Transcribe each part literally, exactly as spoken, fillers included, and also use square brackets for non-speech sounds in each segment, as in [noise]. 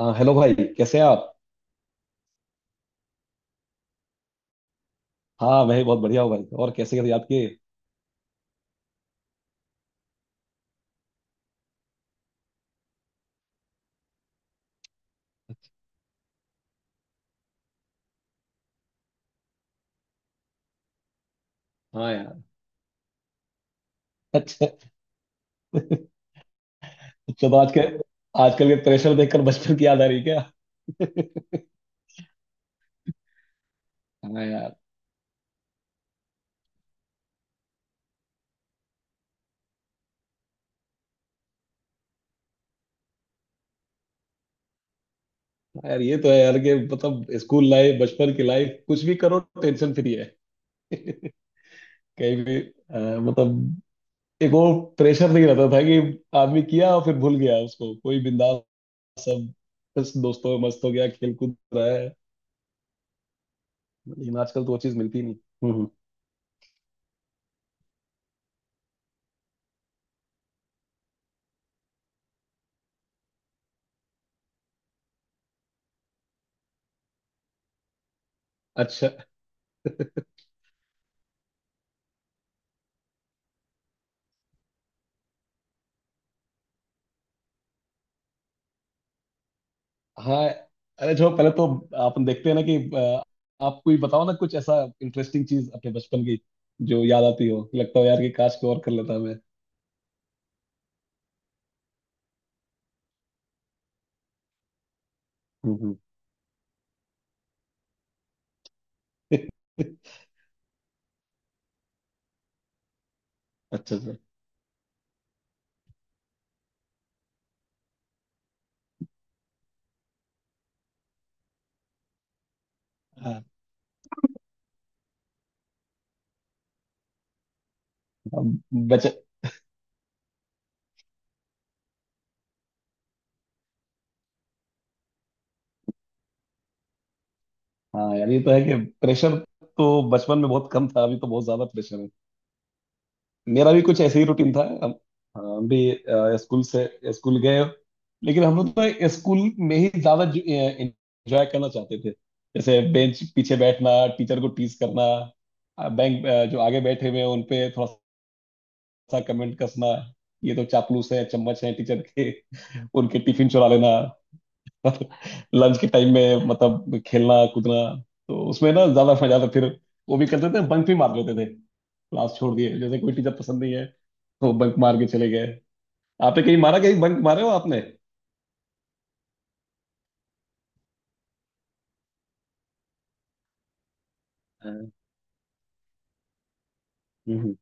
हाँ हेलो भाई, कैसे हैं आप। हाँ मैं भी बहुत बढ़िया हूँ भाई, और कैसे कैसे याद किए। हाँ यार। अच्छा। चलो आज के आजकल के प्रेशर देखकर बचपन की याद आ रही है क्या। [laughs] हाँ यार। हाँ यार, ये तो है यार, कि मतलब स्कूल लाइफ, बचपन की लाइफ, कुछ भी करो टेंशन फ्री है। [laughs] कहीं भी अ, मतलब एक वो प्रेशर नहीं रहता था कि आदमी किया और फिर भूल गया उसको, कोई बिंदास। सब। बस दोस्तों में मस्त हो गया, खेल कूद रहा है। लेकिन आजकल तो वो चीज मिलती नहीं। हम्म हम्म। अच्छा। हाँ। अरे, जो पहले तो आप देखते हैं ना कि अ, आप कोई बताओ ना कुछ ऐसा इंटरेस्टिंग चीज अपने बचपन की, जो याद आती हो, लगता हो यार कि काश को और कर लेता मैं। हम्म हम्म। [laughs] अच्छा अच्छा। हाँ। अब बच हाँ यार, ये तो है कि प्रेशर तो बचपन में बहुत कम था, अभी तो बहुत ज्यादा प्रेशर है। मेरा भी कुछ ऐसे ही रूटीन था। हम हम भी अ, स्कूल से स्कूल गए। लेकिन हम लोग तो स्कूल में ही ज्यादा एंजॉय करना चाहते थे। जैसे बेंच पीछे बैठना, टीचर को टीज करना, बैंक, जो आगे बैठे हुए हैं उन पे थोड़ा सा कमेंट कसना, ये तो चापलूस है, चम्मच है टीचर के। उनके टिफिन चुरा लेना। [laughs] लंच के टाइम में मतलब खेलना कूदना, तो उसमें ना ज्यादा मजा आता। फिर वो भी करते थे, बंक भी मार लेते थे, क्लास छोड़ दिए। जैसे कोई टीचर पसंद नहीं है तो बंक मार के चले गए। आपने कहीं मारा, कहीं बंक मारे हो आपने? हाँ। हम्म।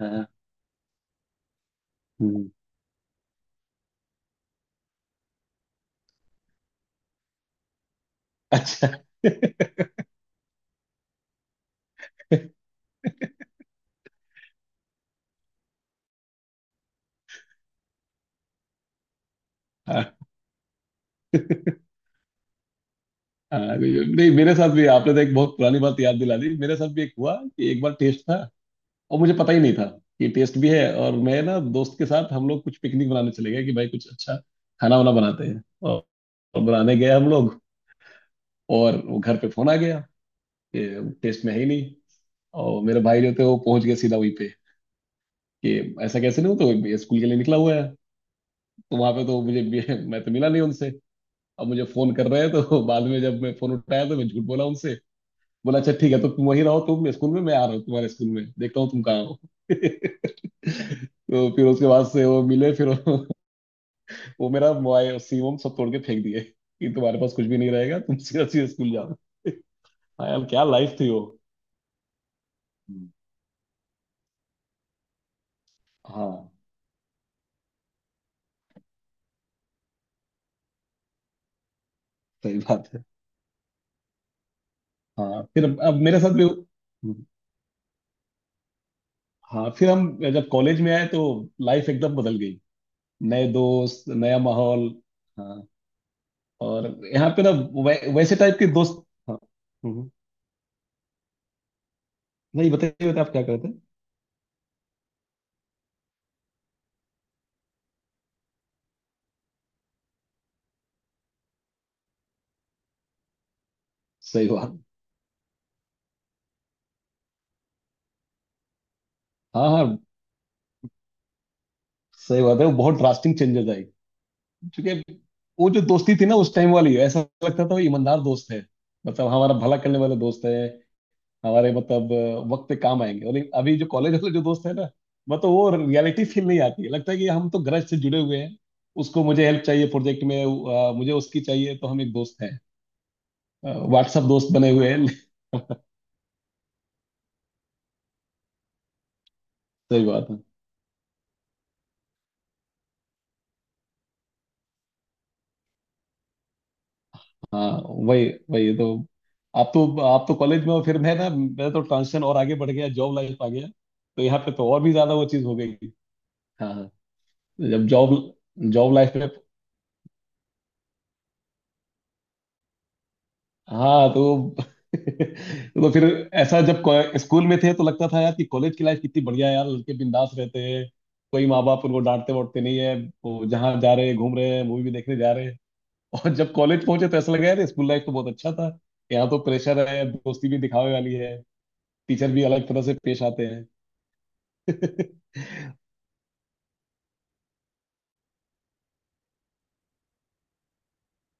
हाँ। हम्म। अच्छा। [laughs] हाँ हाँ, नहीं नहीं, मेरे साथ भी आपने तो एक बहुत पुरानी बात याद दिला दी। मेरे साथ भी एक हुआ कि एक बार टेस्ट था, और मुझे पता ही नहीं था कि टेस्ट भी है, और मैं ना दोस्त के साथ हम लोग कुछ पिकनिक बनाने चले गए कि भाई कुछ अच्छा खाना वाना बनाते हैं, और, और बनाने गए हम लोग। और वो घर पे फोन आ गया कि टेस्ट में है ही नहीं, और मेरे भाई जो थे वो पहुंच गए सीधा वहीं पे, कि ऐसा कैसे नहीं हो, तो ये स्कूल के लिए निकला हुआ है। तो वहां पे तो मुझे भी- [laughs] मैं तो मिला नहीं उनसे। अब मुझे फोन कर रहे हैं तो [laughs] बाद में जब मैं फोन उठाया तो मैं झूठ बोला उनसे। बोला, अच्छा ठीक है तो तुम वहीं रहो, तुम स्कूल में, मैं आ रहा हूँ तुम्हारे स्कूल में, देखता हूँ तुम कहाँ हो। [laughs] तो फिर उसके बाद से वो मिले, फिर वो मेरा मोबाइल सीमोम सब तोड़ के फेंक दिए, कि तुम्हारे पास कुछ भी नहीं रहेगा, तुम सीधा सीधा स्कूल जाओ। हाँ यार, क्या लाइफ थी वो। हम्म। हाँ। सही बात है। हाँ फिर, अब, अब मेरे साथ भी। हम्म, हाँ, फिर हम जब कॉलेज में आए तो लाइफ एकदम बदल गई। नए दोस्त, नया माहौल। हाँ। और यहाँ पे ना वै, वैसे टाइप के दोस्त। हाँ। हम्म। नहीं, बताइए बताइए आप क्या कहते हैं। सही बात। हाँ हाँ। सही बात है, वो बहुत ड्रास्टिक चेंजेस आए। क्योंकि वो जो दोस्ती थी ना उस टाइम वाली, ऐसा लगता था वो ईमानदार दोस्त है, मतलब हमारा भला करने वाले दोस्त है, हमारे मतलब अ, वक्त पे काम आएंगे। और लेकिन अभी जो कॉलेज वाले जो दोस्त है ना, मतलब वो रियलिटी फील नहीं आती है। लगता है कि हम तो गरज से जुड़े हुए हैं, उसको मुझे हेल्प चाहिए प्रोजेक्ट में, अ, मुझे उसकी चाहिए, तो हम एक दोस्त हैं। व्हाट्सएप दोस्त बने हुए हैं। [laughs] सही बात है। हाँ, वही वही तो। आप तो आप तो कॉलेज में हो, फिर मैं ना मैं तो ट्रांजिशन और आगे बढ़ गया, जॉब लाइफ आ गया। तो यहाँ पे तो और भी ज्यादा वो चीज हो गई। हाँ हाँ। जब जॉब जॉब लाइफ में। हाँ तो [laughs] तो फिर ऐसा, जब को- स्कूल में थे तो लगता था यार कि कॉलेज की लाइफ कितनी बढ़िया है यार, लड़के बिंदास रहते हैं, कोई माँ बाप उनको डांटते वाटते नहीं है, वो जहाँ जा रहे हैं घूम रहे हैं, मूवी भी देखने जा रहे हैं। [laughs] और जब कॉलेज पहुंचे तो ऐसा लगा यार, स्कूल लाइफ तो बहुत अच्छा था, यहाँ तो प्रेशर है, दोस्ती भी दिखावे वाली है, टीचर भी अलग तरह से पेश आते हैं। [laughs]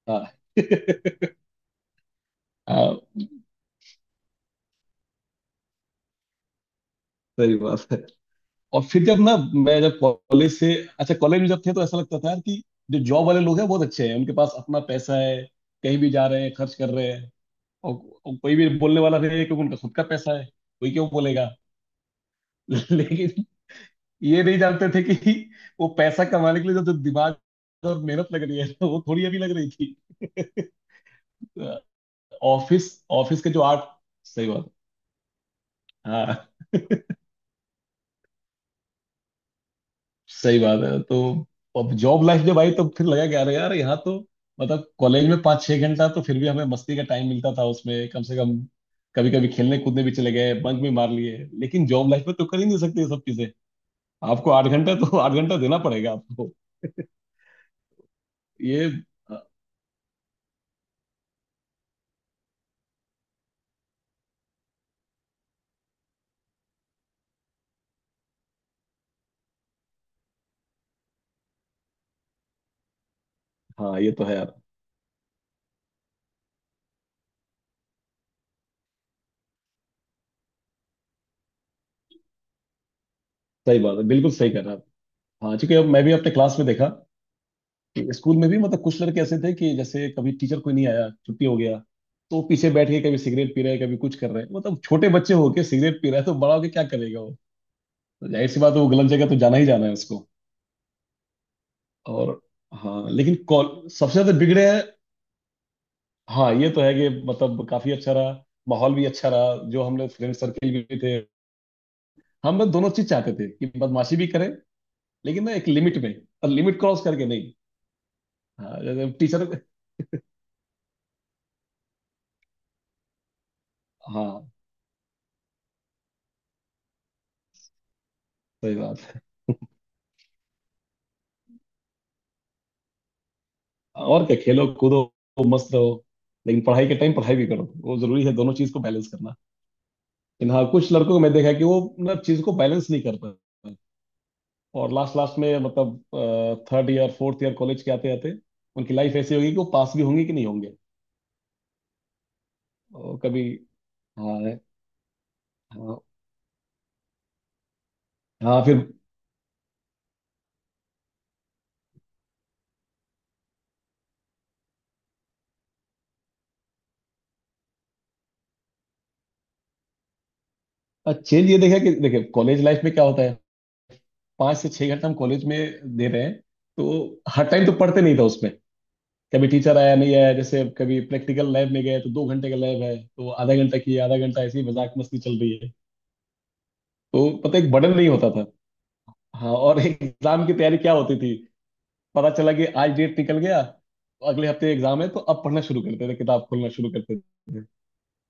हाँ। [laughs] हाँ, सही बात। और फिर जब ना, मैं जब कॉलेज से, अच्छा कॉलेज में जब थे तो ऐसा लगता था यार कि जो जॉब वाले लोग हैं बहुत अच्छे हैं, उनके पास अपना पैसा है, कहीं भी जा रहे हैं, खर्च कर रहे हैं, और, और, कोई भी बोलने वाला नहीं है क्योंकि उनका खुद का पैसा है। कोई क्यों बोलेगा। [laughs] लेकिन ये नहीं जानते थे कि वो पैसा कमाने के लिए जो जो दिमाग और मेहनत लग रही है [laughs] ना, वो थोड़ी अभी लग रही थी। [laughs] ऑफिस ऑफिस के जो आर्ट, सही बात। हाँ सही बात है। तो अब जॉब लाइफ जब आई तब फिर लगा क्या रहा यार, यहाँ तो मतलब कॉलेज में पाँच छह घंटा तो फिर भी हमें मस्ती का टाइम मिलता था उसमें, कम से कम कभी कभी खेलने कूदने भी चले गए, बंक भी मार लिए। लेकिन जॉब लाइफ में तो कर ही नहीं सकते ये सब चीजें। आपको आठ घंटा तो आठ घंटा देना पड़ेगा आपको। ये, हाँ ये तो है यार। सही बात है, बिल्कुल सही कह रहा आप। हाँ, चूंकि अब मैं भी अपने क्लास में देखा, स्कूल में भी मतलब कुछ लड़के ऐसे थे कि जैसे कभी टीचर कोई नहीं आया, छुट्टी हो गया, तो वो पीछे बैठ के कभी सिगरेट पी रहे हैं, कभी कुछ कर रहे हैं। मतलब छोटे बच्चे होके सिगरेट पी रहा है तो बड़ा होके क्या करेगा वो। तो जाहिर सी बात है, वो गलत जगह तो जाना ही जाना है उसको। और हाँ, लेकिन कॉल सबसे ज्यादा बिगड़े हैं। हाँ ये तो है कि मतलब काफी अच्छा रहा, माहौल भी अच्छा रहा, जो हम लोग फ्रेंड सर्किल भी थे, हम लोग दोनों चीज चाहते थे कि बदमाशी भी करें लेकिन ना एक लिमिट में, और लिमिट क्रॉस करके नहीं। हाँ जैसे टीचर, हाँ सही बात। और क्या, खेलो कूदो मस्त रहो, लेकिन पढ़ाई के टाइम पढ़ाई भी करो, वो जरूरी है, दोनों चीज को बैलेंस करना। लेकिन हाँ, कुछ लड़कों को मैं देखा है कि वो मतलब चीज को बैलेंस नहीं कर पाते, और लास्ट लास्ट में मतलब third year fourth year college के आते आते उनकी लाइफ ऐसी होगी कि वो पास भी होंगे कि नहीं होंगे। और कभी, हाँ। हाँ। हाँ फिर, चेंज ये देखा कि, देखिए कॉलेज लाइफ में क्या होता है, पाँच से छह घंटे हम कॉलेज में दे रहे हैं, तो हर टाइम तो पढ़ते नहीं था उसमें, कभी टीचर आया नहीं आया, जैसे कभी प्रैक्टिकल लैब में गए तो दो घंटे का लैब है तो वो आधा घंटा किया, आधा घंटा ऐसी मजाक मस्ती चल रही है। तो पता, एक बर्डन नहीं होता था। हाँ, और [laughs] एग्जाम की तैयारी क्या होती थी, पता चला कि आज डेट निकल गया, अगले हफ्ते एग्जाम है, तो अब पढ़ना शुरू करते थे, किताब खोलना शुरू करते थे।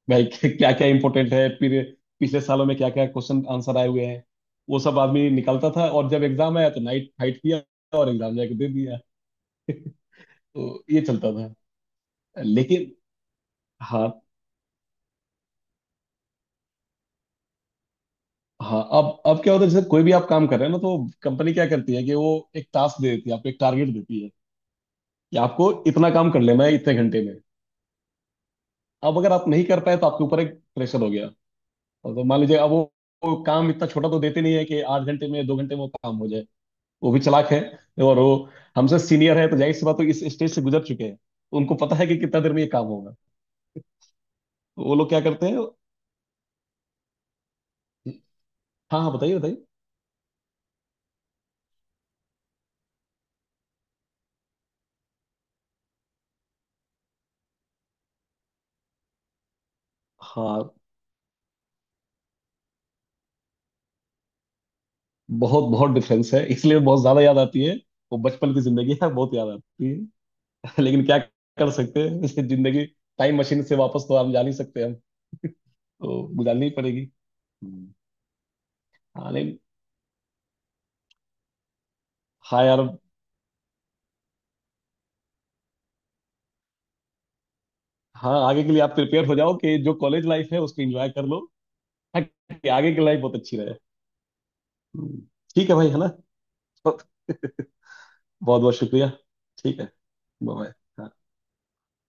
भाई [laughs] क्या क्या इंपॉर्टेंट है फिर, पिछले सालों में क्या क्या क्वेश्चन आंसर आए हुए हैं, वो सब आदमी निकालता था, और जब एग्जाम आया तो नाइट फाइट किया और एग्जाम जाके दे दिया। [laughs] तो ये चलता था, लेकिन, हाँ हाँ। अब अब क्या होता है, जैसे कोई भी आप काम कर रहे हैं ना, तो कंपनी क्या करती है कि वो एक टास्क दे देती है आपको, एक टारगेट देती है कि आपको इतना काम कर लेना है इतने घंटे में। अब अगर आप नहीं कर पाए, तो आपके ऊपर एक प्रेशर हो गया। और तो मान लीजिए, अब वो, वो काम इतना छोटा तो देते नहीं है कि आठ घंटे में दो घंटे में वो काम हो जाए। वो भी चालाक है, और वो हमसे सीनियर है, तो जाहिर सी बात तो इस स्टेज से गुजर चुके हैं, उनको पता है कि कितना देर में ये काम होगा। तो वो लोग क्या करते हैं। हाँ हाँ, बताइए बताइए। हाँ, बहुत बहुत डिफरेंस है, इसलिए बहुत ज्यादा याद आती है वो बचपन की जिंदगी है, बहुत याद आती है। [laughs] लेकिन क्या कर सकते हैं, [laughs] जिंदगी, टाइम मशीन से वापस तो हम जा नहीं सकते। हम तो गुजारनी ही पड़ेगी। हम्म। हाँ, नहीं, हाँ यार। हाँ, आगे के लिए आप प्रिपेयर हो जाओ, कि जो कॉलेज लाइफ है उसको एंजॉय कर लो, ताकि आगे की लाइफ बहुत अच्छी रहे। हम्म, ठीक है भाई है ना। बहुत बहुत शुक्रिया। ठीक है। बाय।